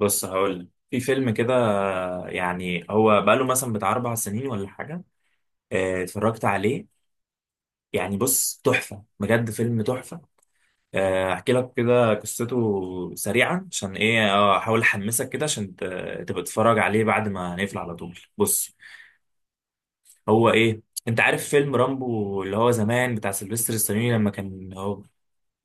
بص هقول لك في فيلم كده، يعني هو بقاله مثلا بتاع 4 سنين ولا حاجه. اتفرجت عليه، يعني بص تحفه بجد، فيلم تحفه. احكي لك كده قصته سريعا عشان ايه، احاول احمسك كده عشان تبقى تتفرج عليه بعد ما نقفل على طول. بص، هو ايه، انت عارف فيلم رامبو اللي هو زمان بتاع سيلفستر ستالوني لما كان هو.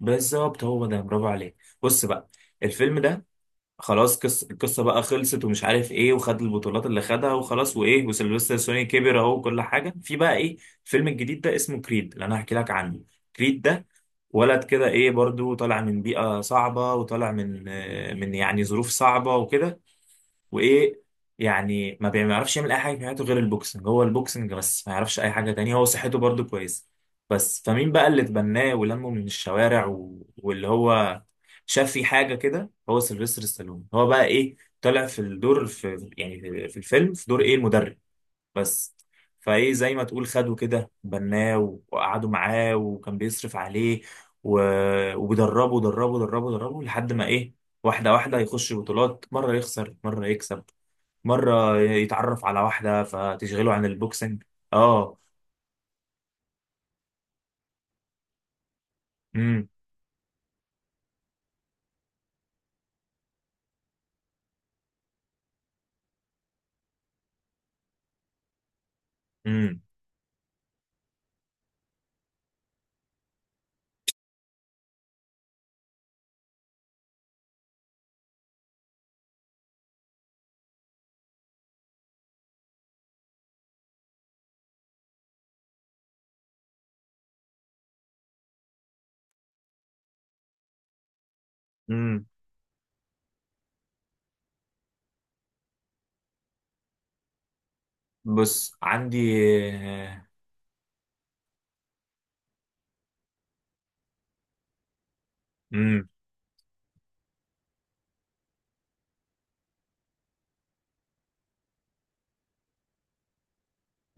بالظبط، هو ده، برافو عليك. بص بقى، الفيلم ده خلاص، القصه بقى خلصت ومش عارف ايه، وخد البطولات اللي خدها وخلاص، وايه، وسيلفستر سوني كبر اهو وكل حاجه. في بقى ايه، الفيلم الجديد ده اسمه كريد اللي انا هحكي لك عنه. كريد ده ولد كده ايه، برضو طالع من بيئه صعبه، وطالع من من يعني ظروف صعبه وكده. وايه يعني، ما بيعرفش يعمل اي حاجه في حياته غير البوكسنج، هو البوكسنج بس، ما يعرفش اي حاجه تانية، هو صحته برضو كويسه. بس فمين بقى اللي اتبناه ولمه من الشوارع واللي هو شاف فيه حاجه كده، هو سيلفستر ستالون، هو بقى ايه طلع في الدور، في يعني في الفيلم، في دور ايه، المدرب بس. فايه، زي ما تقول خده كده، بناه وقعدوا معاه وكان بيصرف عليه و... وبيدربه، دربه دربه دربه لحد ما ايه، واحدة واحدة يخش بطولات، مرة يخسر مرة يكسب، مرة يتعرف على واحدة فتشغله عن البوكسنج. اه. امم امم امم. بص عندي. امم.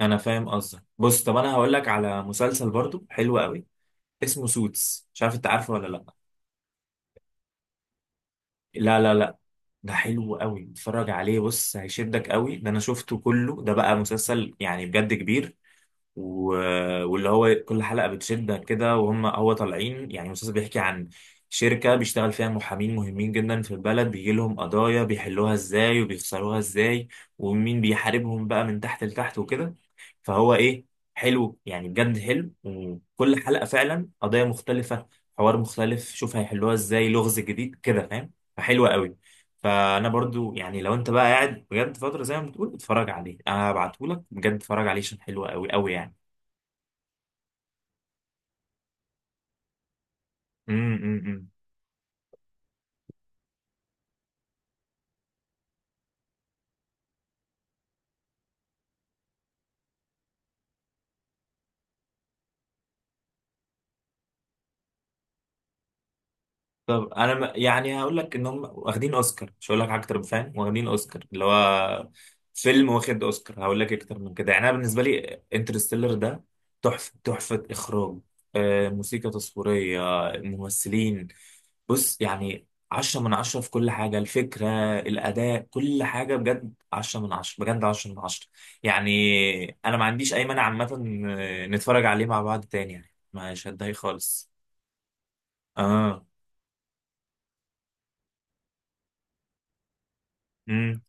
انا فاهم قصدك. بص طب انا هقول لك على مسلسل برضو حلو قوي، اسمه سوتس، مش عارف انت عارفه ولا لا. لا لا لا، ده حلو قوي، اتفرج عليه، بص هيشدك قوي ده، انا شفته كله، ده بقى مسلسل يعني بجد كبير و... واللي هو كل حلقة بتشدك كده، وهم هو طالعين، يعني المسلسل بيحكي عن شركة بيشتغل فيها محامين مهمين جدا في البلد، بيجي لهم قضايا بيحلوها ازاي وبيخسروها ازاي، ومين بيحاربهم بقى من تحت لتحت وكده. فهو ايه، حلو يعني بجد حلو، وكل حلقة فعلا قضايا مختلفة، حوار مختلف، شوف هيحلوها ازاي، لغز جديد كده فاهم، فحلوة قوي. فانا برضو يعني لو انت بقى قاعد بجد فترة زي ما بتقول اتفرج عليه، انا هبعتهولك بجد، اتفرج عليه عشان حلو قوي قوي يعني. امم. امم. طب انا يعني هقول لك ان هم واخدين اوسكار، مش هقول لك حاجه اكتر، فاهم، واخدين اوسكار، اللي هو فيلم واخد اوسكار، هقول لك اكتر من كده يعني، انا بالنسبه لي انترستيلر ده تحفه، تحفه اخراج، موسيقى تصويريه، ممثلين، بص يعني 10 من 10 في كل حاجة، الفكرة، الأداء، كل حاجة بجد 10 من 10، بجد 10 من 10 يعني. أنا ما عنديش أي مانع عامة، نتفرج عليه مع بعض تاني يعني، مش هتضايق خالص. اه. مم،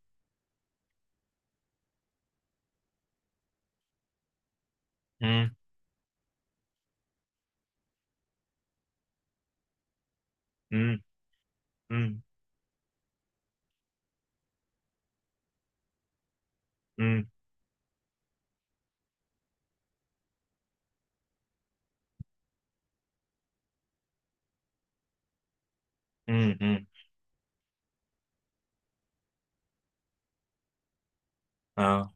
مم، مم، مم، مم، مم، مم. اه.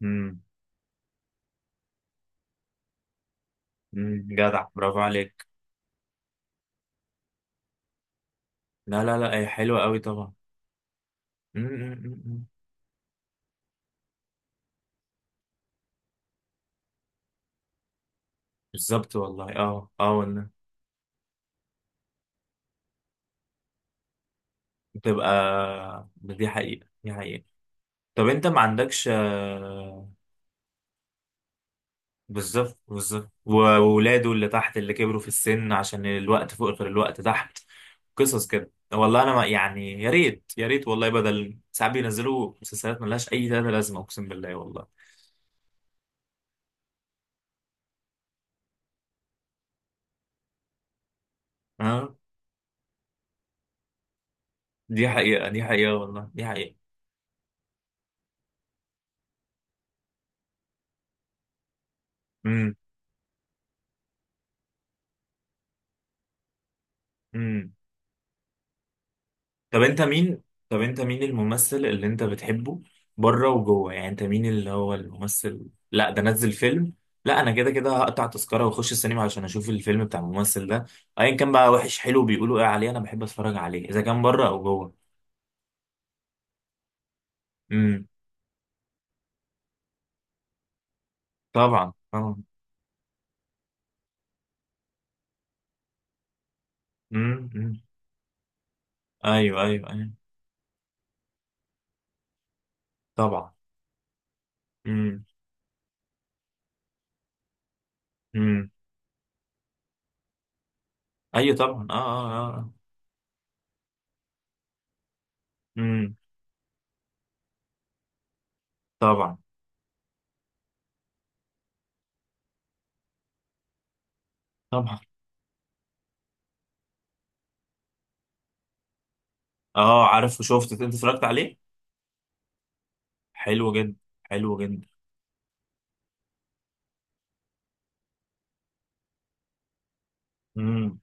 مم، مم. جدع، برافو عليك. لا لا لا، هي حلوة قوي طبعا. مم، مم، مم، مم. بالظبط والله، اه اه والله. بتبقى. دي حقيقة دي حقيقة. طب انت ما عندكش بالظبط بالظبط، وولاده اللي تحت اللي كبروا في السن عشان الوقت فوق غير الوقت تحت. قصص كده، والله انا ما يعني، يا ريت يا ريت والله، بدل ساعات بينزلوا مسلسلات ملهاش اي تلاته لازمه، اقسم بالله والله. اه، دي حقيقة دي حقيقة والله دي حقيقة. امم. امم. طب انت مين طب انت مين الممثل اللي انت بتحبه، بره وجوه، يعني انت مين اللي هو الممثل، لا ده نزل فيلم، لا انا كده كده هقطع تذكرة واخش السينما عشان اشوف الفيلم بتاع الممثل ده، ايا كان بقى، وحش حلو بيقولوا ايه عليه، انا بحب اتفرج عليه اذا كان بره او جوه. امم. طبعا طبعا. امم. امم. ايوه ايوه ايوه. طبعا. امم. امم. ايوه طبعا، اه اه اه آه. امم. طبعا. طبعا. اه عارف، شفت انت اتفرجت عليه. حلو جدا، حلو جدا. امم.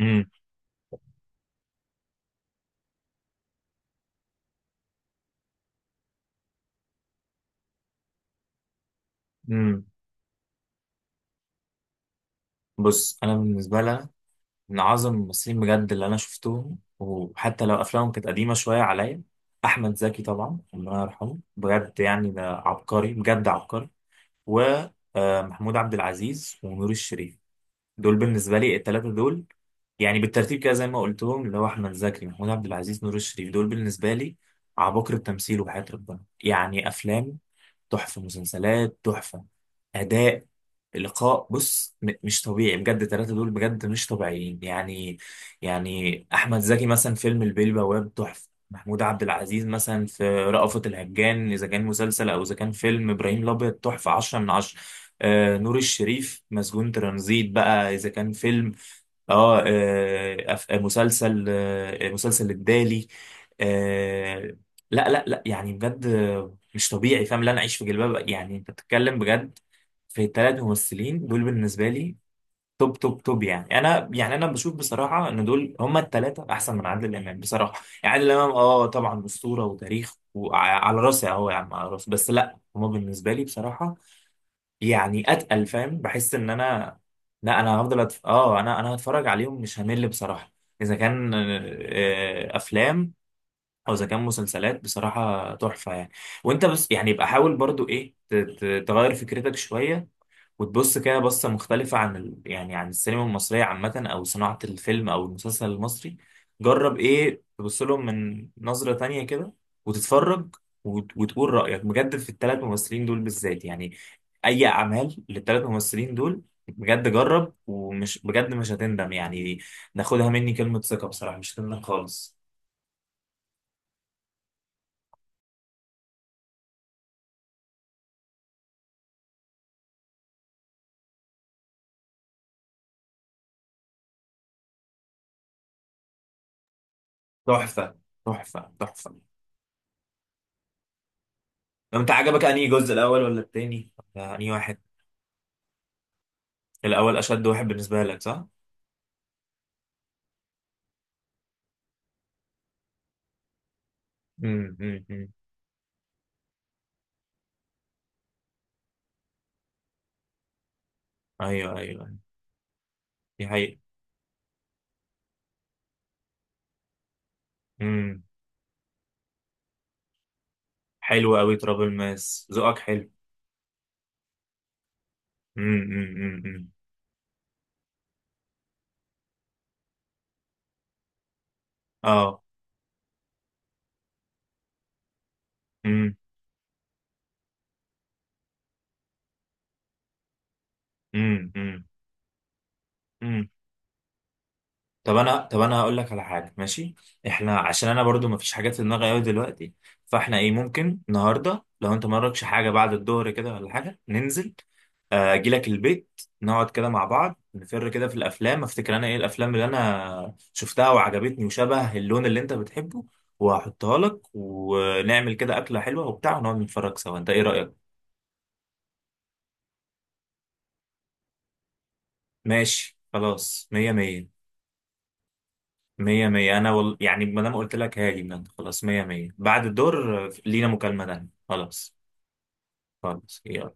امم. امم. بص انا بالنسبه لي من اعظم الممثلين بجد اللي انا شفتهم، وحتى لو افلامهم كانت قديمه شويه عليا، احمد زكي طبعا الله يرحمه، بجد يعني ده عبقري بجد عبقري، ومحمود عبد العزيز ونور الشريف، دول بالنسبه لي الثلاثه دول، يعني بالترتيب كده زي ما قلت لهم، اللي هو احمد زكي، محمود عبد العزيز، نور الشريف، دول بالنسبه لي عباقرة التمثيل وحياة ربنا، يعني افلام تحفه، مسلسلات تحفه، اداء، لقاء، بص مش طبيعي بجد، الثلاثه دول بجد مش طبيعيين يعني. يعني احمد زكي مثلا فيلم البيه البواب تحفه، محمود عبد العزيز مثلا في رأفت الهجان اذا كان مسلسل، او اذا كان فيلم ابراهيم الابيض تحفه 10 من 10، آه نور الشريف مسجون ترانزيت بقى اذا كان فيلم، اه مسلسل، مسلسل الدالي، آه، لا لا لا، يعني بجد مش طبيعي فاهم، لا انا اعيش في جلباب أبي. يعني انت بتتكلم بجد في 3 ممثلين دول بالنسبه لي، توب توب توب. يعني انا بشوف بصراحه ان دول هما الثلاثه احسن من عادل امام بصراحه، يعني عادل امام اه طبعا اسطوره وتاريخ وعلى راسي اهو يا عم على راسي، بس لا هما بالنسبه لي بصراحه يعني اتقل، فاهم، بحس ان انا، لا انا هفضل، أتف... اه انا انا هتفرج عليهم مش همل بصراحه، اذا كان افلام او اذا كان مسلسلات بصراحه تحفه يعني. وانت بس يعني يبقى حاول برضو ايه تغير فكرتك شويه، وتبص كده بصة مختلفة عن يعني عن السينما المصرية عامة، أو صناعة الفيلم أو المسلسل المصري، جرب إيه، تبص لهم من نظرة تانية كده وتتفرج، وتقول رأيك بجد في الـ3 ممثلين دول بالذات، يعني أي أعمال للثلاث ممثلين دول بجد جرب، ومش بجد مش هتندم يعني، ناخدها مني كلمة ثقة بصراحة مش هتندم خالص. تحفة تحفة تحفة. طب أنت عجبك أنهي جزء، الأول ولا التاني؟ ولا أنهي واحد؟ الأول أشد واحد بالنسبة لك صح؟ أمم. ايوه ايوه أيوة. دي حقيقة. امم. حلو قوي ترابل ماس، ذوقك حلو. أمم. اه. امم امم امم. طب انا هقول لك على حاجه، ماشي احنا، عشان انا برضو ما فيش حاجات في دماغي قوي دلوقتي، فاحنا ايه ممكن النهارده لو انت ما وراكش حاجه بعد الظهر كده ولا حاجه، ننزل، اجي لك البيت نقعد كده مع بعض، نفر كده في الافلام، افتكر انا ايه الافلام اللي انا شفتها وعجبتني وشبه اللون اللي انت بتحبه، وهحطها لك، ونعمل كده اكله حلوه وبتاع، ونقعد نتفرج سوا، انت ايه رايك؟ ماشي خلاص، مية مية. مية مية، أنا يعني ما دام قلت لك هاجي من عندك. خلاص مية مية، بعد الدور لينا مكالمة تانية، خلاص. خلاص يلا.